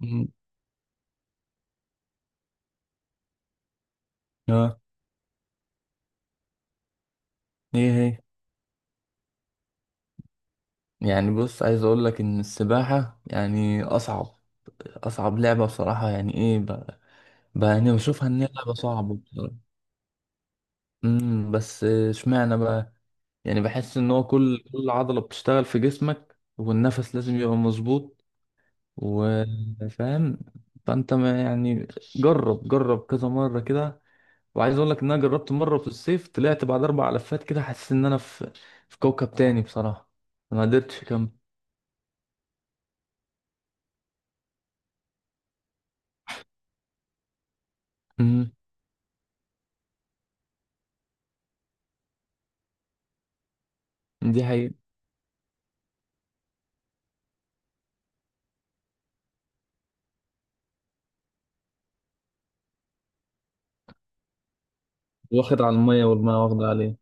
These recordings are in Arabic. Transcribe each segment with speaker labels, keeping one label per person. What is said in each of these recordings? Speaker 1: مم. اه. ايه هي؟ يعني بص، عايز اقول لك ان السباحة يعني اصعب اصعب لعبة بصراحة. يعني ايه بقى؟ بقى انا بشوفها ان هي لعبة صعبة بصراحة. بس اشمعنى بقى؟ يعني بحس ان هو كل عضلة بتشتغل في جسمك، والنفس لازم يبقى مظبوط، وفاهم. فانت ما يعني، جرب جرب كذا مرة كده. وعايز اقول لك ان انا جربت مرة في الصيف، طلعت بعد 4 لفات كده، حسيت ان انا في كوكب تاني بصراحة، ما قدرتش اكمل. دي حقيقة، واخد على المية والمية واخدة عليه.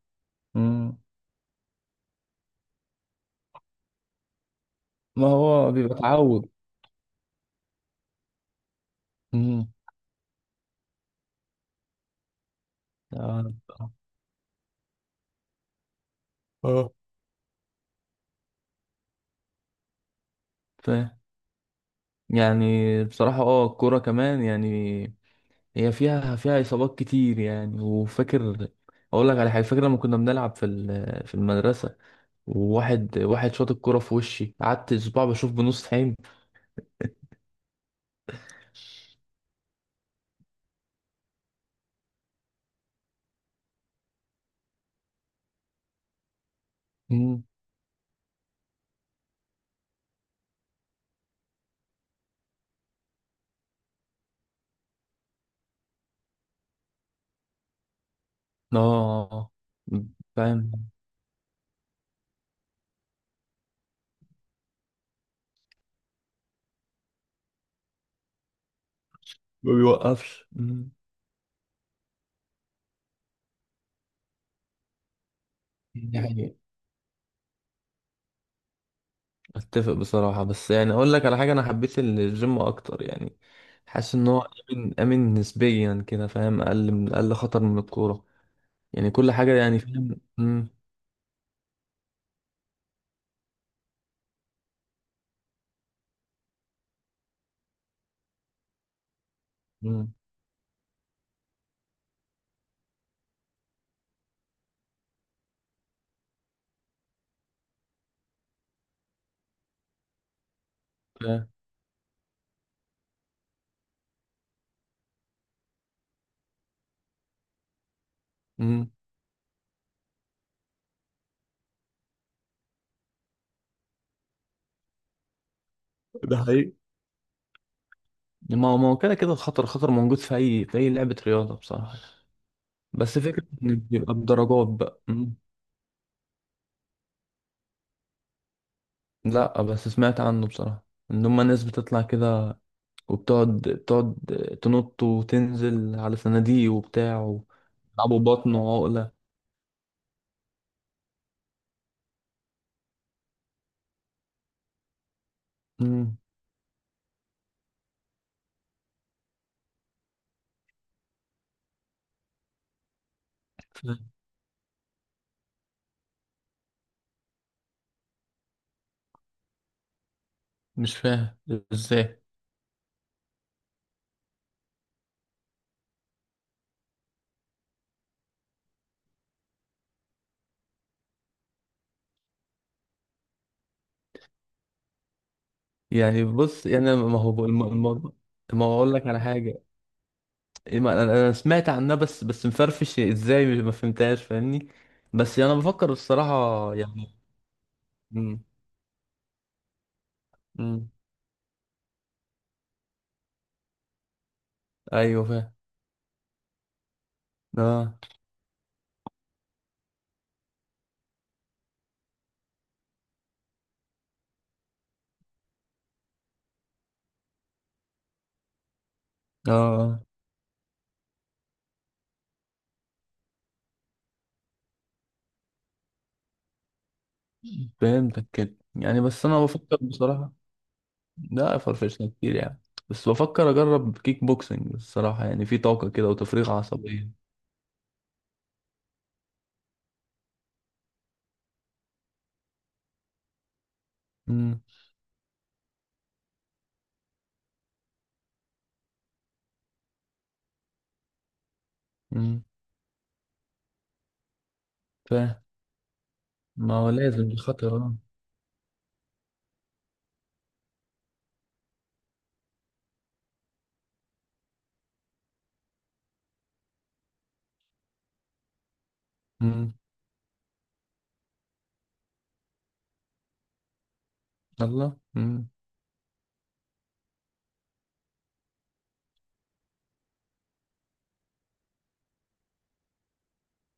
Speaker 1: مم. ما هو بيبقى تعود. مم. آه. اه. ف... يعني بصراحة اه، الكورة كمان يعني هي فيها فيها إصابات كتير يعني. وفاكر، أقول لك على حاجة، فاكر لما كنا بنلعب في في المدرسة، وواحد واحد شاط الكورة في وشي، قعدت أسبوع بشوف بنص عين. مم. اه. فاهم. ما بيوقفش. مم. يعني اتفق بصراحة. بس يعني اقول لك على حاجة، انا حبيت الجيم اكتر يعني، حاسس ان هو امن امن نسبيا كده، فاهم؟ اقل من اقل خطر من الكورة، يعني كل حاجة يعني، فاهم؟ امم فاهم. امم ده حقيقي. ما هو ما هو كده كده، الخطر خطر موجود في اي لعبة رياضة بصراحة. بس فكرة ان بيبقى بدرجات بقى. مم. لا بس سمعت عنه بصراحة، ان هما ناس بتطلع كده، وبتقعد بتقعد تنط وتنزل على صناديق وبتاع، ويلعبوا بطن وعقلة. مم. مش فاهم ازاي. يعني بص، يعني أنا- ما هو بقول- الم- الموضوع. ما هو اقول لك على حاجه. إيه، ما انا سمعت عنها. بس مفرفش ازاي، ما فهمتهاش، فاهمني؟ بس يعني انا بفكر الصراحه يعني. مم. مم. ايوه فاهم. اه. اه. آه. فهمتك كده يعني. بس انا بفكر بصراحه، لا فرفشنا كتير يعني. بس بفكر اجرب كيك بوكسنج الصراحه، يعني في طاقه كده وتفريغ عصبيه. امم امم فاهم. ما هو لازم، دي خطر. اه. الله.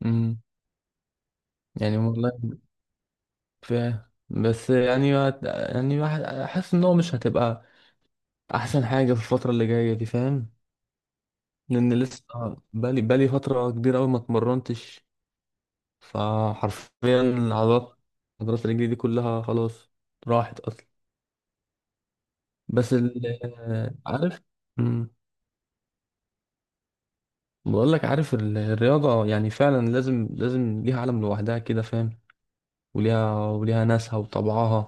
Speaker 1: امم يعني والله فاهم. بس يعني حاسس ان هو مش هتبقى احسن حاجه في الفتره اللي جايه دي، فاهم؟ لان لسه بقالي بقالي فتره كبيره قوي ما اتمرنتش، فحرفيا العضلات، عضلات رجلي دي كلها خلاص راحت اصلا. بس عارف. امم بقول لك، عارف الرياضه يعني فعلا لازم لازم ليها عالم لوحدها كده، فاهم؟ وليها وليها ناسها وطبعها.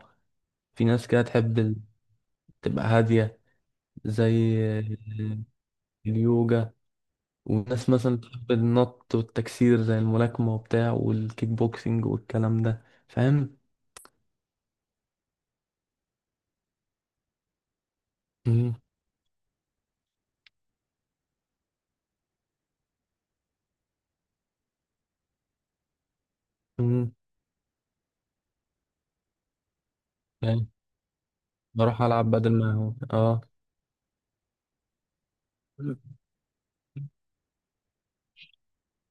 Speaker 1: في ناس كده تحب تبقى هاديه، زي اليوجا. وناس مثلا بتحب النط والتكسير، زي الملاكمة وبتاع والكيك بوكسينج والكلام ده، فاهم؟ مم. مم. يعني بروح ألعب بدل، ما هو اه.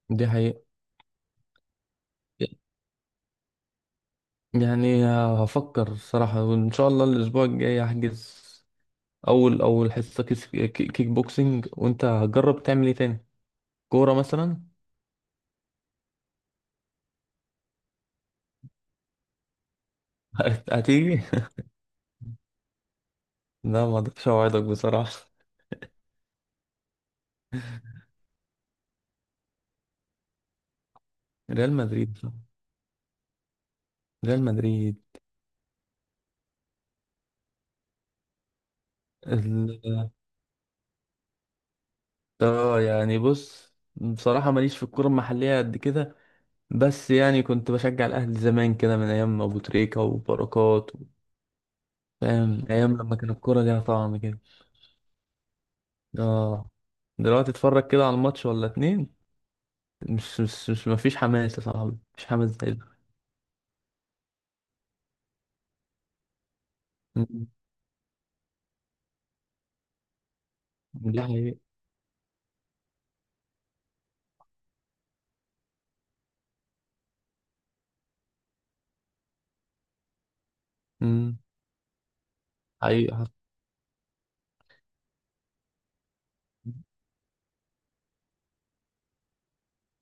Speaker 1: دي حقيقة. يعني هفكر الصراحة، وإن شاء الله الأسبوع الجاي هحجز أول حصة كيك بوكسينج. وأنت هتجرب تعمل إيه تاني؟ كورة مثلا؟ هتيجي؟ لا ما أقدرش أوعدك بصراحة. ريال مدريد. ريال مدريد. اه يعني بص، بصراحة ماليش في الكورة المحلية قد كده. بس يعني كنت بشجع الأهلي زمان كده، من أيام أبو تريكة وبركات و... فاهم، أيام لما كان الكورة ليها طعم كده. اه. دلوقتي اتفرج كده على الماتش ولا اتنين، مش مفيش حماس يا صاحبي، مفيش حماس زي ده. أمم، دي حقيقة. أمم، حقيقة حصل.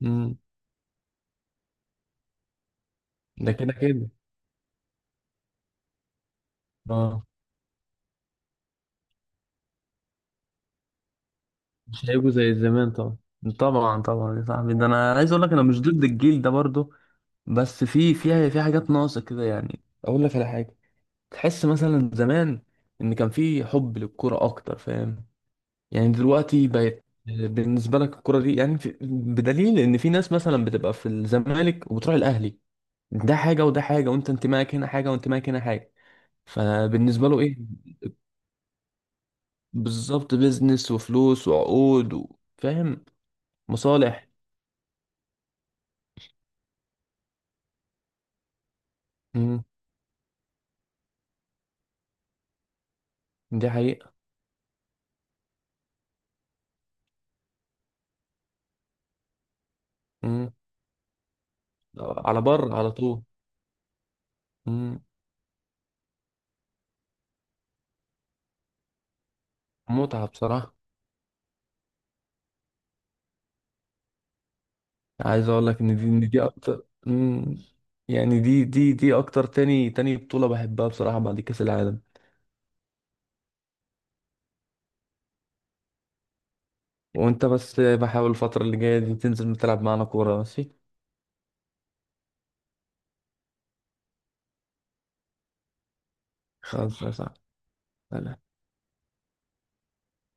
Speaker 1: أمم، ده كده كده. اه. مش هيبقوا زي زمان طبعا. طبعا طبعا يا صاحبي، ده أنا عايز أقول لك أنا مش ضد الجيل ده برضه. بس في حاجات ناقصة كده يعني. أقول لك على حاجة، تحس مثلا زمان إن كان في حب للكرة أكتر، فاهم؟ يعني دلوقتي بقت بالنسبة لك الكرة دي يعني في، بدليل إن في ناس مثلا بتبقى في الزمالك وبتروح الأهلي، ده حاجة وده حاجة، وأنت انتمائك هنا حاجة وانتمائك هنا حاجة، فبالنسبة له إيه؟ بالظبط، بيزنس وفلوس وعقود و... فاهم. مصالح. امم دي حقيقة. امم على بر، على طول. امم متعة بصراحة. عايز اقول لك ان دي اكتر. مم. يعني دي اكتر، تاني تاني بطولة بحبها بصراحة بعد كأس العالم. وانت بس بحاول الفترة اللي جاية دي تنزل تلعب معانا كورة، ماشي؟ خلاص يا صاحبي.